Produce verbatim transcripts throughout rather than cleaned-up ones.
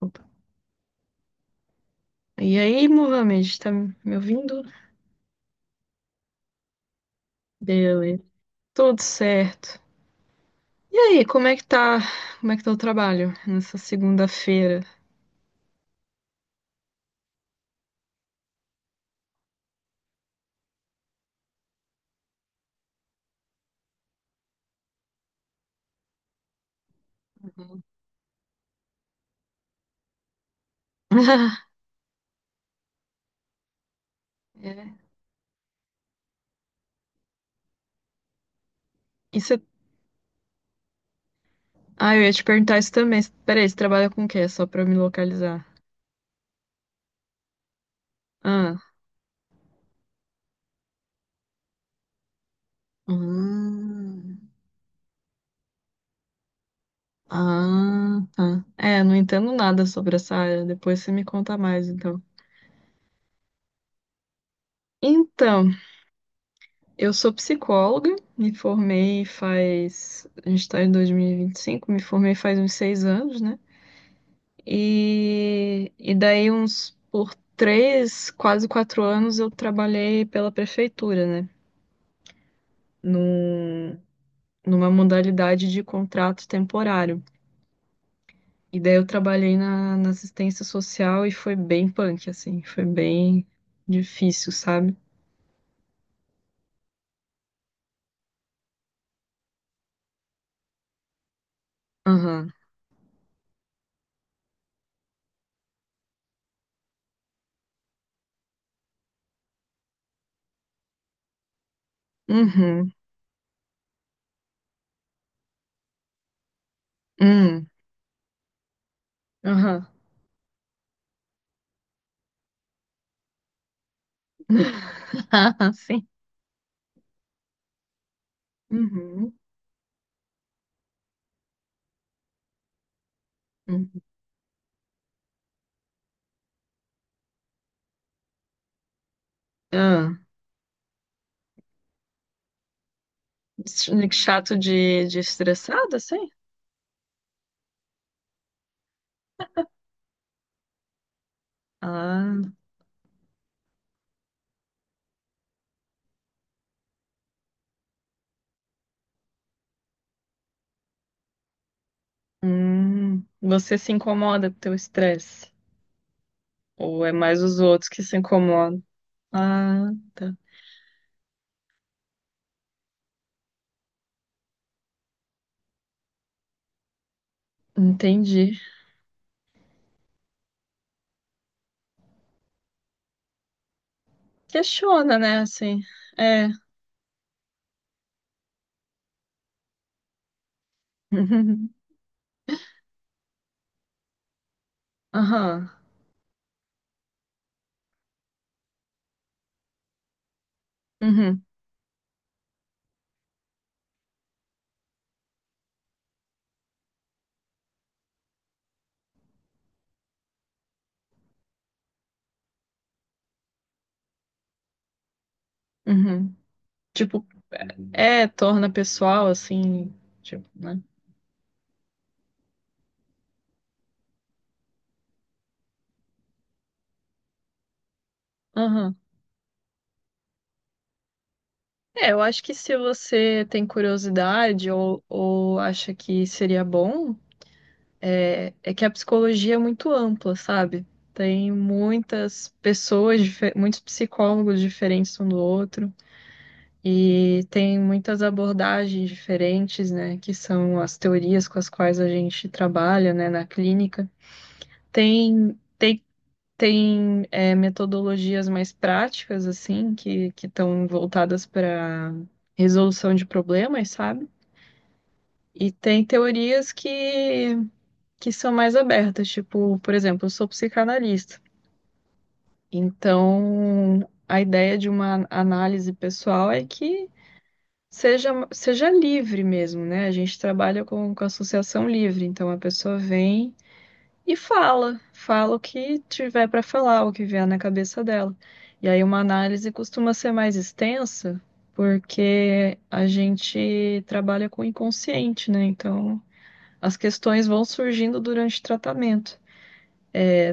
Opa. E aí, Mohamed, tá me ouvindo? Beleza, tudo certo. E aí, como é que tá, como é que tá o trabalho nessa segunda-feira? Uhum. É. E você... Ah, eu ia te perguntar isso também. Peraí, você trabalha com o quê? Só pra eu me localizar. Ah, Hum. ah, tá. É, não entendo nada sobre essa área. Depois você me conta mais, então. Então, Eu sou psicóloga, me formei faz. A gente está em dois mil e vinte e cinco, me formei faz uns seis anos, né? E, e daí, uns por três, quase quatro anos, eu trabalhei pela prefeitura, né? Num, numa modalidade de contrato temporário. E daí, eu trabalhei na, na assistência social e foi bem punk, assim, foi bem difícil, sabe? Aham, uhum, uhum, aham, Sim. Uhum. Uhum. Ah, chato de, de estressado, assim? Ah, hum. Você se incomoda com o teu estresse? Ou é mais os outros que se incomodam? Ah, tá. Entendi. Questiona, né, assim. É. Uhum. Aham. Uhum. Uhum. Tipo, é, torna pessoal, assim, tipo, né? Aham. É, eu acho que se você tem curiosidade ou, ou acha que seria bom, é, é que a psicologia é muito ampla, sabe? Tem muitas pessoas, dife- muitos psicólogos diferentes um do outro, e tem muitas abordagens diferentes, né? Que são as teorias com as quais a gente trabalha, né, na clínica. Tem, tem, tem é, metodologias mais práticas, assim, que, que estão voltadas para resolução de problemas, sabe? E tem teorias que que são mais abertas. Tipo, por exemplo, eu sou psicanalista. Então, a ideia de uma análise pessoal é que seja, seja livre mesmo, né? A gente trabalha com, com associação livre. Então, a pessoa vem e fala, fala o que tiver para falar, o que vier na cabeça dela. E aí, uma análise costuma ser mais extensa, porque a gente trabalha com o inconsciente, né? Então, as questões vão surgindo durante o tratamento.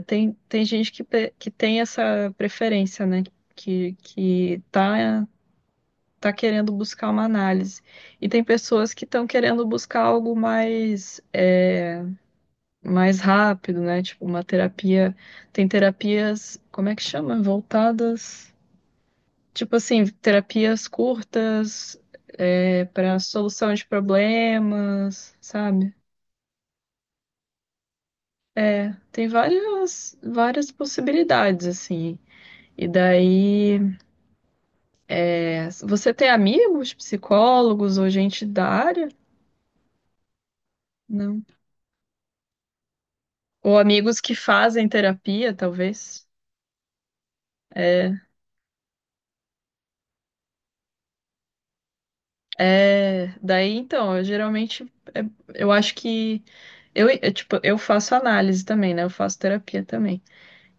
Tem, tem gente que, pe- que tem essa preferência, né? Que, que tá, tá querendo buscar uma análise. E tem pessoas que estão querendo buscar algo mais, é, mais rápido, né? Tipo, uma terapia. Tem terapias, como é que chama? Voltadas. Tipo assim, terapias curtas, é, para solução de problemas, sabe? É, tem várias, várias possibilidades, assim. E daí. Você tem amigos psicólogos ou gente da área? Não. Ou amigos que fazem terapia, talvez? É, é, daí então, eu geralmente é, eu acho que eu, é, tipo, eu faço análise também, né? Eu faço terapia também.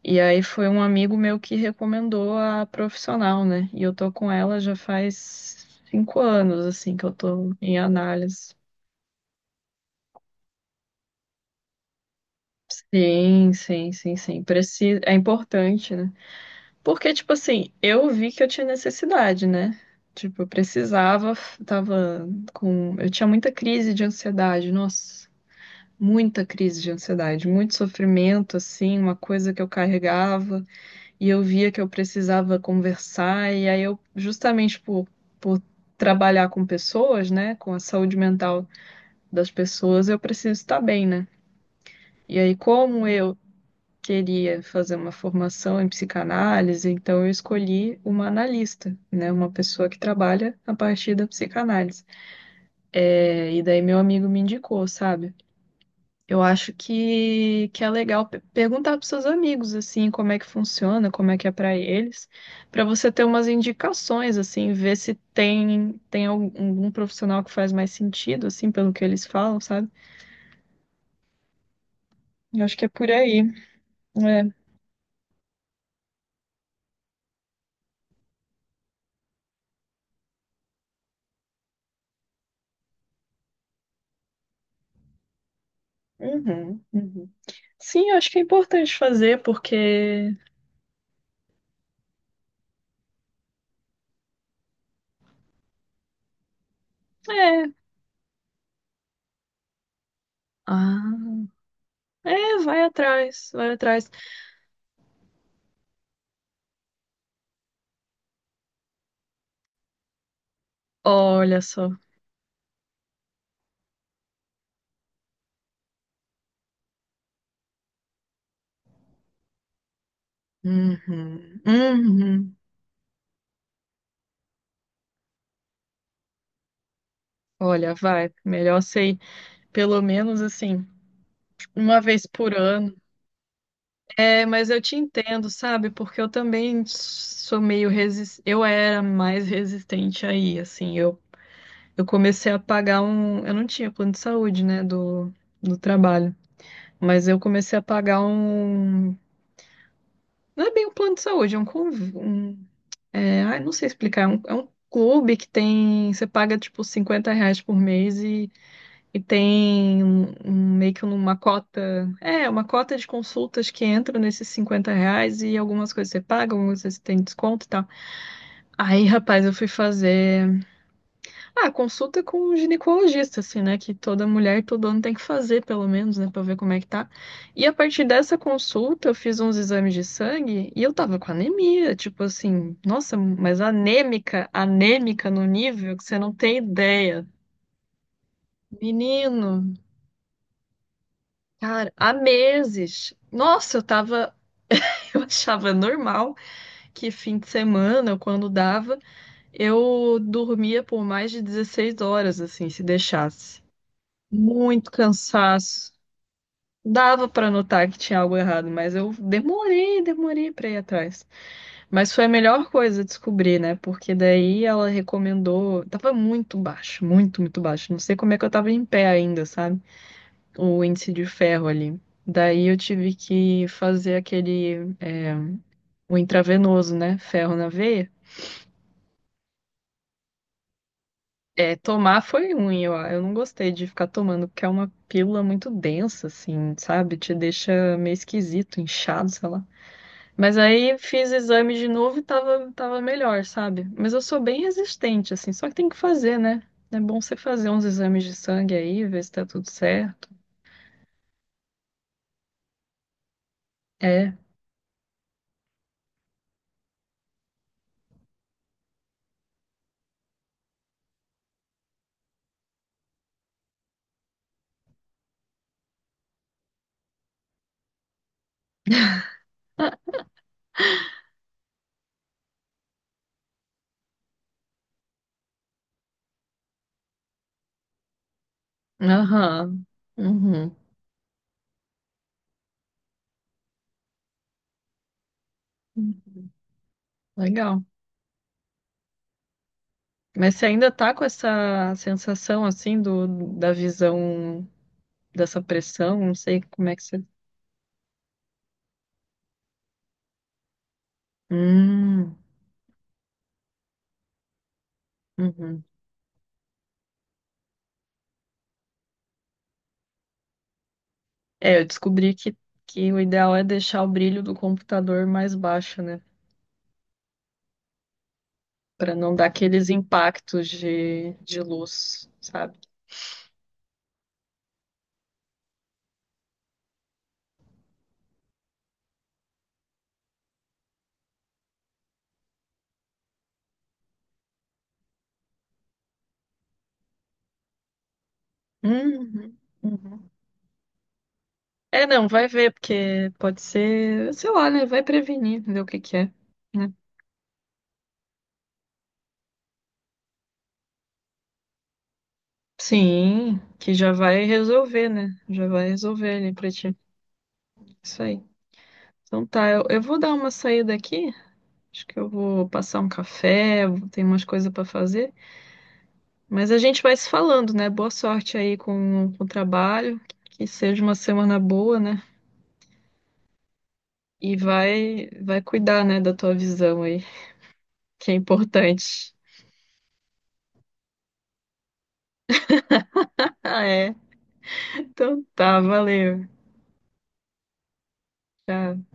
E aí foi um amigo meu que recomendou a profissional, né? E eu tô com ela já faz cinco anos, assim, que eu tô em análise. Sim, sim, sim, sim. Precisa, é importante, né? Porque, tipo assim, eu vi que eu tinha necessidade, né? Tipo, eu precisava, f- tava com. Eu tinha muita crise de ansiedade, nossa, muita crise de ansiedade, muito sofrimento, assim, uma coisa que eu carregava, e eu via que eu precisava conversar, e aí eu, justamente por, por trabalhar com pessoas, né, com a saúde mental das pessoas, eu preciso estar bem, né? E aí, como eu queria fazer uma formação em psicanálise, então eu escolhi uma analista, né, uma pessoa que trabalha a partir da psicanálise. É, e daí meu amigo me indicou, sabe? Eu acho que, que é legal pe- perguntar para seus amigos assim como é que funciona, como é que é para eles, para você ter umas indicações assim, ver se tem tem algum, algum profissional que faz mais sentido assim pelo que eles falam, sabe? Eu acho que é por aí. É. Uhum, uhum. Sim, eu acho que é importante fazer, porque é. Ah, é, vai atrás, vai atrás. Olha só. Uhum, uhum. Olha, vai. Melhor sei, pelo menos assim, uma vez por ano. É, mas eu te entendo, sabe? Porque eu também sou meio resistente. Eu era mais resistente aí, assim. Eu, eu comecei a pagar um. Eu não tinha plano de saúde, né? Do, do trabalho. Mas eu comecei a pagar um não é bem um plano de saúde, é um, conv- um é, ai, não sei explicar, é um, é um clube que tem, você paga tipo cinquenta reais por mês e, e tem um- um- meio que uma cota, é, uma cota de consultas que entra nesses cinquenta reais e algumas coisas você paga, algumas coisas você tem desconto e tal. Aí, rapaz, eu fui fazer ah, consulta com um ginecologista, assim, né? Que toda mulher todo ano tem que fazer, pelo menos, né? Pra ver como é que tá. E a partir dessa consulta, eu fiz uns exames de sangue e eu tava com anemia, tipo assim, nossa, mas anêmica, anêmica no nível que você não tem ideia. Menino, cara, há meses. Nossa, eu tava. Eu achava normal que fim de semana, quando dava, eu dormia por mais de dezesseis horas, assim, se deixasse. Muito cansaço. Dava pra notar que tinha algo errado, mas eu demorei, demorei pra ir atrás. Mas foi a melhor coisa descobrir, né? Porque daí ela recomendou. Tava muito baixo, muito, muito baixo. Não sei como é que eu tava em pé ainda, sabe? O índice de ferro ali. Daí eu tive que fazer aquele. É, o intravenoso, né? Ferro na veia. É, tomar foi ruim, eu, eu não gostei de ficar tomando, porque é uma pílula muito densa, assim, sabe? Te deixa meio esquisito, inchado, sei lá. Mas aí fiz exame de novo e tava, tava melhor, sabe? Mas eu sou bem resistente, assim, só que tem que fazer, né? É bom você fazer uns exames de sangue aí, ver se tá tudo certo. É, aham, uhum, legal. Mas você ainda tá com essa sensação, assim, do, da visão, dessa pressão, não sei como é que você... Hum, uhum. É, eu descobri que, que o ideal é deixar o brilho do computador mais baixo, né? Para não dar aqueles impactos de, de luz, sabe? Uhum, uhum. É, não, vai ver, porque pode ser, sei lá, né? Vai prevenir, entendeu o que que é, né? Sim, que já vai resolver, né? Já vai resolver ali pra ti. Isso aí. Então tá, eu, eu vou dar uma saída aqui. Acho que eu vou passar um café, vou tem umas coisas pra fazer. Mas a gente vai se falando, né? Boa sorte aí com, com o trabalho. Que seja uma semana boa, né? E vai, vai cuidar, né, da tua visão aí, que é importante. Ah, é? Então tá, valeu. Tchau.